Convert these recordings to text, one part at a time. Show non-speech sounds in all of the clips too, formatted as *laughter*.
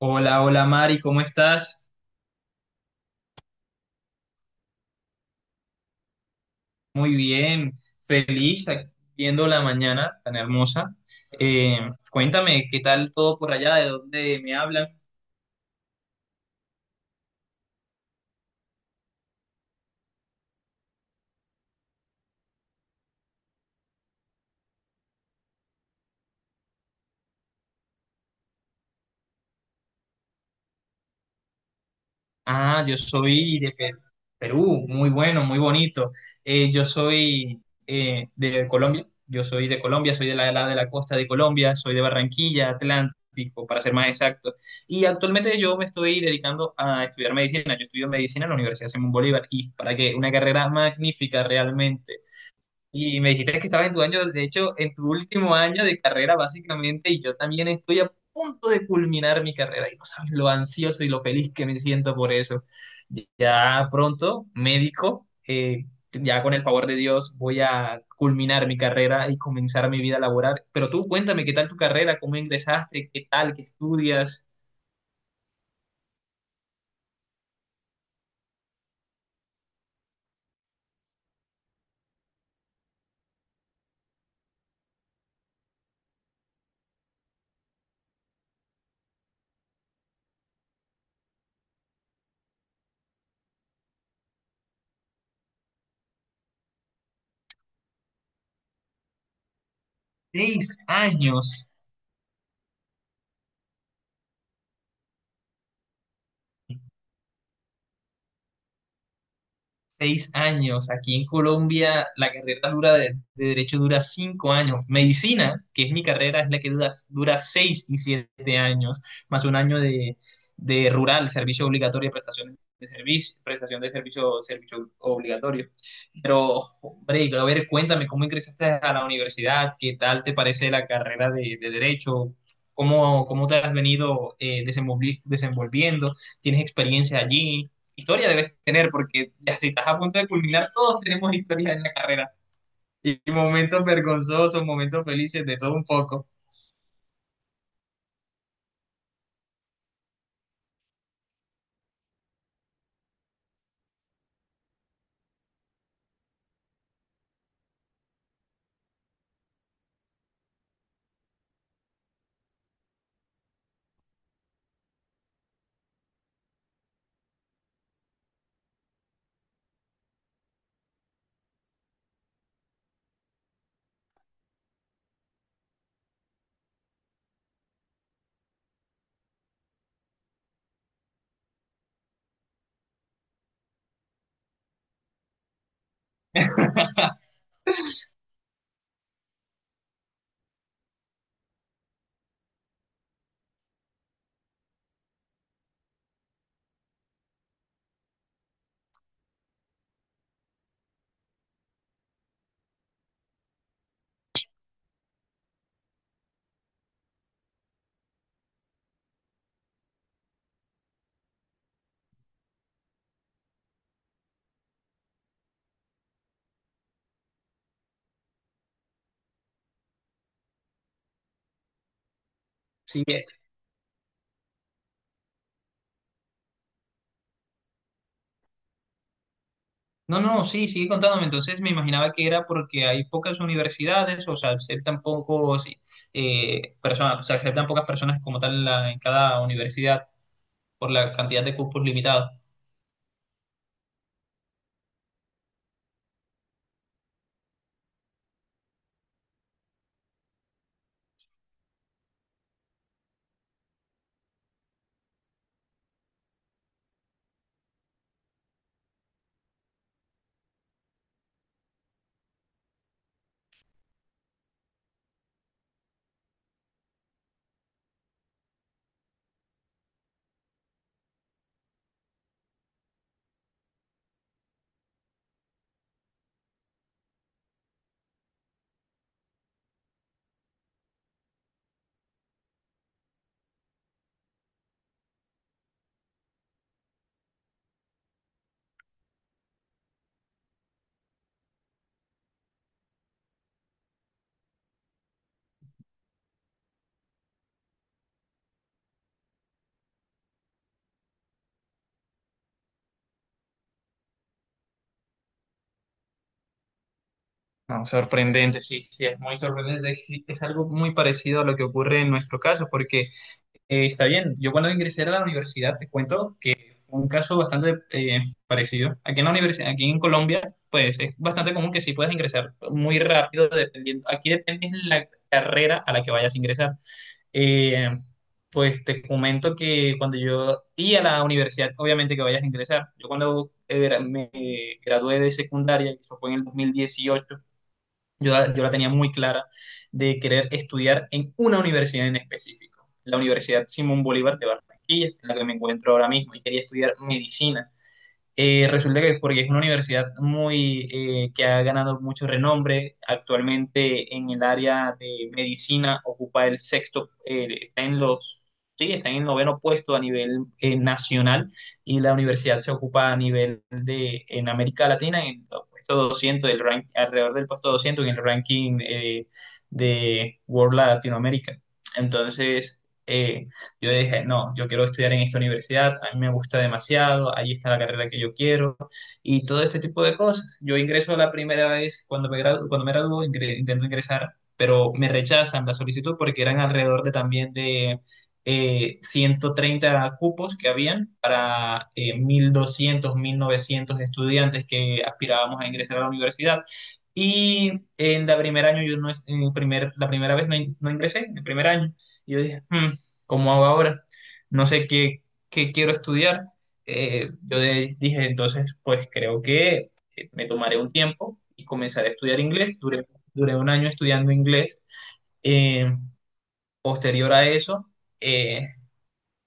Hola, hola Mari, ¿cómo estás? Muy bien, feliz aquí viendo la mañana tan hermosa. Eh, Cuéntame, ¿qué tal todo por allá? ¿De dónde me hablan? Ah, yo soy de Perú, muy bueno, muy bonito. Yo soy de Colombia, yo soy de Colombia, soy de de la costa de Colombia, soy de Barranquilla, Atlántico, para ser más exacto. Y actualmente yo me estoy dedicando a estudiar medicina. Yo estudio medicina en la Universidad Simón Bolívar y para que una carrera magnífica realmente. Y me dijiste que estabas en tu año, de hecho, en tu último año de carrera, básicamente, y yo también estoy a punto de culminar mi carrera y no sabes lo ansioso y lo feliz que me siento por eso. Ya pronto, médico, ya con el favor de Dios voy a culminar mi carrera y comenzar mi vida laboral. Pero tú cuéntame, ¿qué tal tu carrera? ¿Cómo ingresaste? ¿Qué tal? ¿Qué estudias? 6 años. 6 años. Aquí en Colombia la carrera dura de derecho dura 5 años. Medicina, que es mi carrera, es la que dura 6 y 7 años, más 1 año de rural, servicio obligatorio, prestaciones de servicio, prestación de servicio, servicio obligatorio. Pero, hombre, a ver, cuéntame, ¿cómo ingresaste a la universidad? ¿Qué tal te parece la carrera de derecho? ¿Cómo, cómo te has venido desenvolviendo? ¿Tienes experiencia allí? Historia debes tener, porque ya si estás a punto de culminar, todos tenemos historias en la carrera. Y momentos vergonzosos, momentos felices, de todo un poco. Sigue. No, no, sí, sigue contándome. Entonces me imaginaba que era porque hay pocas universidades, o sea, aceptan pocos personas, o sea, aceptan pocas personas como tal en, en cada universidad por la cantidad de cupos limitados. No, sorprendente, sí, sí, es muy sorprendente. Sí, es algo muy parecido a lo que ocurre en nuestro caso, porque está bien, yo cuando ingresé a la universidad, te cuento, un caso bastante parecido. Aquí en la universidad, aquí en Colombia, pues es bastante común que sí puedas ingresar muy rápido, dependiendo. Aquí depende de la carrera a la que vayas a ingresar. Eh, pues te comento que cuando yo y a la universidad, obviamente que vayas a ingresar. Yo cuando me gradué de secundaria, eso fue en el 2018, yo, yo la tenía muy clara de querer estudiar en una universidad en específico, la Universidad Simón Bolívar de Barranquilla, en la que me encuentro ahora mismo, y quería estudiar medicina. Resulta que es porque es una universidad muy que ha ganado mucho renombre. Actualmente en el área de medicina ocupa el sexto, está en los, sí, está en el noveno puesto a nivel nacional y la universidad se ocupa a nivel de en América Latina en el puesto 200 del rank, alrededor del puesto 200 en el ranking de World Latinoamérica. Entonces, eh, yo dije, no, yo quiero estudiar en esta universidad, a mí me gusta demasiado, ahí está la carrera que yo quiero y todo este tipo de cosas. Yo ingreso la primera vez cuando me graduo, intento ingresar, pero me rechazan la solicitud porque eran alrededor de también de 130 cupos que habían para 1200, 1900 estudiantes que aspirábamos a ingresar a la universidad. Y en la primer año yo no, en el primer, la primera vez no, no ingresé, en el primer año. Y yo dije, "Hmm, cómo hago ahora, no sé qué, qué quiero estudiar. Yo dije, entonces, pues creo que me tomaré un tiempo y comenzaré a estudiar inglés. Duré 1 año estudiando inglés. Eh, Posterior a eso, eh,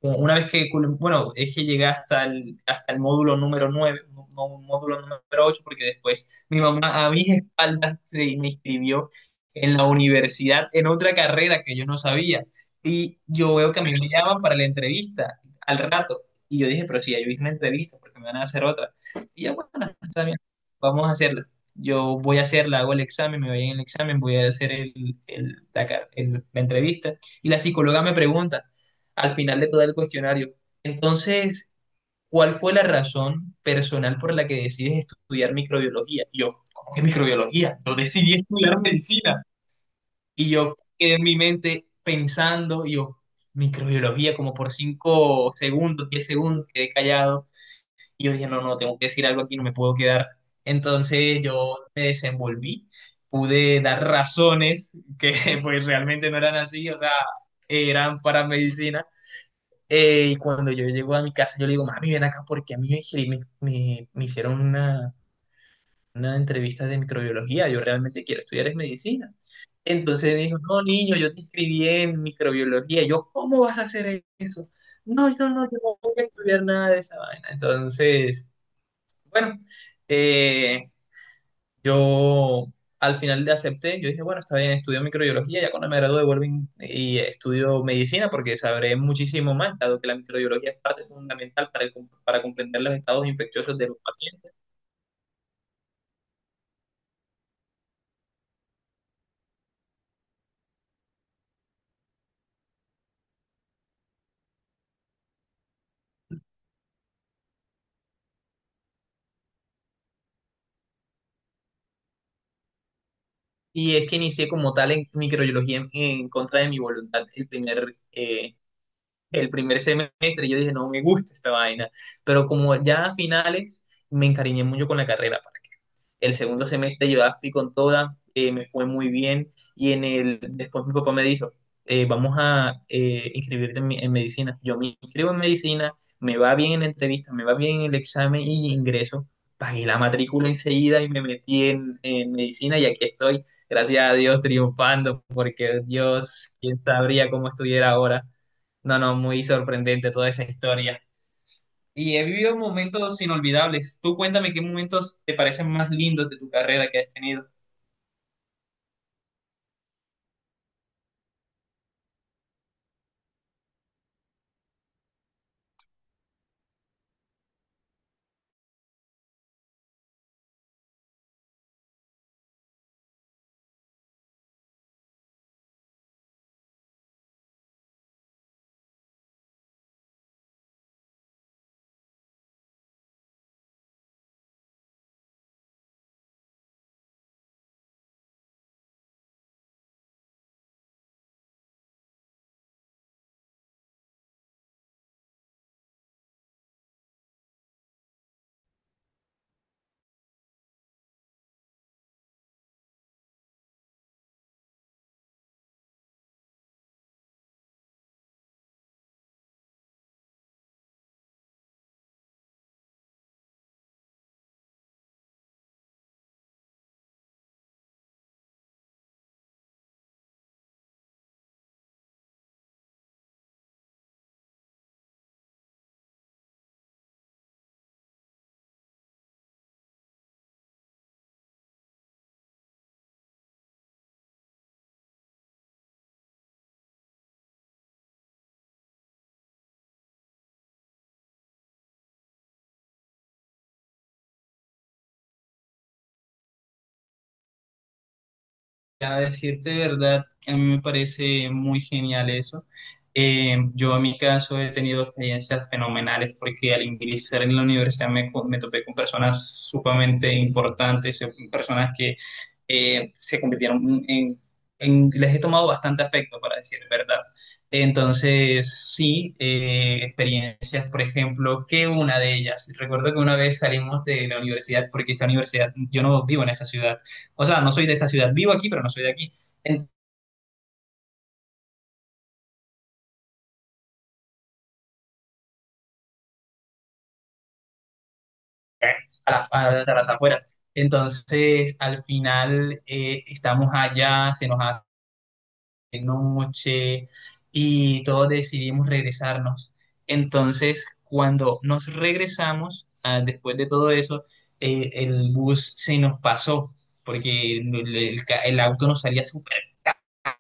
una vez que, bueno, es que llegué hasta el módulo número 9 no no, un módulo número 8 porque después mi mamá a mis espaldas se me inscribió en la universidad en otra carrera que yo no sabía. Y yo veo que a mí me llaman para la entrevista al rato. Y yo dije, pero si ya yo hice una entrevista, porque me van a hacer otra? Y yo, bueno, está bien, vamos a hacerla. Yo voy a hacerla, hago el examen, me voy en el examen, voy a hacer la entrevista. Y la psicóloga me pregunta al final de todo el cuestionario. Entonces, ¿cuál fue la razón personal por la que decides estudiar microbiología? Y yo, ¿cómo que microbiología? Yo decidí estudiar medicina. Y yo quedé en mi mente pensando, y yo, microbiología, como por 5 segundos, 10 segundos, quedé callado. Y yo dije, no, no, tengo que decir algo aquí, no me puedo quedar. Entonces yo me desenvolví, pude dar razones que *laughs* pues realmente no eran así, o sea, eran para medicina y cuando yo llego a mi casa, yo le digo, mami, ven acá porque a mí me, me hicieron una entrevista de microbiología, yo realmente quiero estudiar es medicina. Entonces me dijo, no, niño, yo te inscribí en microbiología. Yo, ¿cómo vas a hacer eso? No, yo no, yo no voy a estudiar nada de esa vaina. Entonces, bueno, eh, yo al final le acepté, yo dije, bueno, está bien, estudio microbiología, ya cuando me gradúe vuelvo y estudio medicina porque sabré muchísimo más, dado que la microbiología es parte fundamental para, para comprender los estados infecciosos de los pacientes. Y es que inicié como tal en microbiología en contra de mi voluntad el primer semestre. Yo dije, no me gusta esta vaina, pero como ya a finales me encariñé mucho con la carrera. El segundo semestre yo la fui con toda, me fue muy bien y en el, después mi papá me dijo, vamos a inscribirte en, en medicina. Yo me inscribo en medicina, me va bien en la entrevista, me va bien en el examen y ingreso. Pagué la matrícula enseguida y me metí en medicina y aquí estoy, gracias a Dios, triunfando, porque Dios, quién sabría cómo estuviera ahora. No, no, muy sorprendente toda esa historia. Y he vivido momentos inolvidables. Tú cuéntame qué momentos te parecen más lindos de tu carrera que has tenido. A decirte verdad, a mí me parece muy genial eso. Yo en mi caso he tenido experiencias fenomenales porque al ingresar en la universidad me, me topé con personas sumamente importantes, personas que se convirtieron les he tomado bastante afecto, para decir verdad. Entonces, sí, experiencias, por ejemplo, que una de ellas, recuerdo que una vez salimos de la universidad, porque esta universidad, yo no vivo en esta ciudad. O sea, no soy de esta ciudad, vivo aquí, pero no soy de aquí, en- a las, a las- a las afueras. Entonces, al final, estamos allá, se nos hace noche y todos decidimos regresarnos. Entonces, cuando nos regresamos, ah, después de todo eso, el bus se nos pasó, porque el auto nos salía súper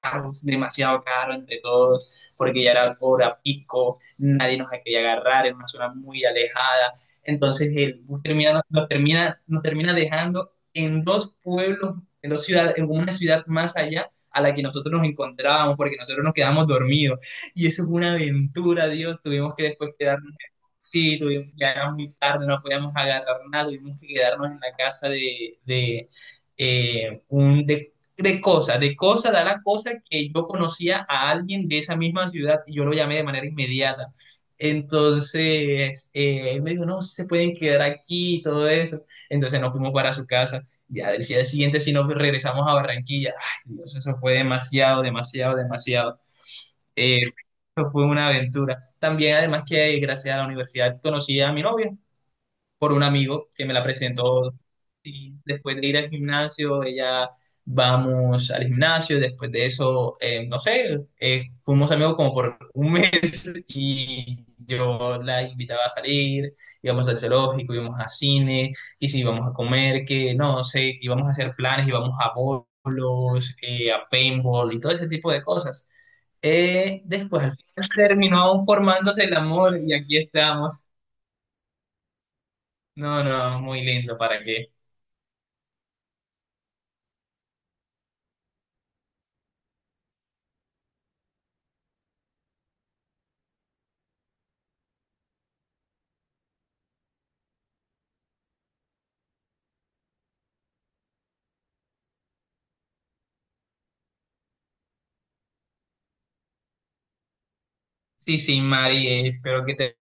caros, demasiado caros entre todos, porque ya era hora pico, nadie nos quería agarrar, en una zona muy alejada. Entonces el bus termina, nos termina dejando en dos pueblos, en dos ciudades, en una ciudad más allá a la que nosotros nos encontrábamos, porque nosotros nos quedamos dormidos. Y eso fue una aventura, Dios. Tuvimos que después quedarnos, sí, tuvimos que quedarnos muy tarde, no podíamos agarrar nada, tuvimos que quedarnos en la casa un, de cosa, da la cosa que yo conocía a alguien de esa misma ciudad y yo lo llamé de manera inmediata. Entonces, él me dijo, no, se pueden quedar aquí y todo eso. Entonces nos fuimos para su casa. Ya del día siguiente, si nos regresamos a Barranquilla, ay Dios, eso fue demasiado, demasiado, demasiado. Eh, Eso fue una aventura. También, además que gracias a la universidad conocí a mi novia por un amigo que me la presentó. Y después de ir al gimnasio, ella vamos al gimnasio. Después de eso, no sé, fuimos amigos como por 1 mes *laughs* y yo la invitaba a salir, íbamos al zoológico, íbamos a cine, y si íbamos a comer, que no sé, íbamos a hacer planes, íbamos a bolos, a paintball y todo ese tipo de cosas. Después al final terminó formándose el amor y aquí estamos. No, no, muy lindo, ¿para qué? Sí, sí, Mari, espero que te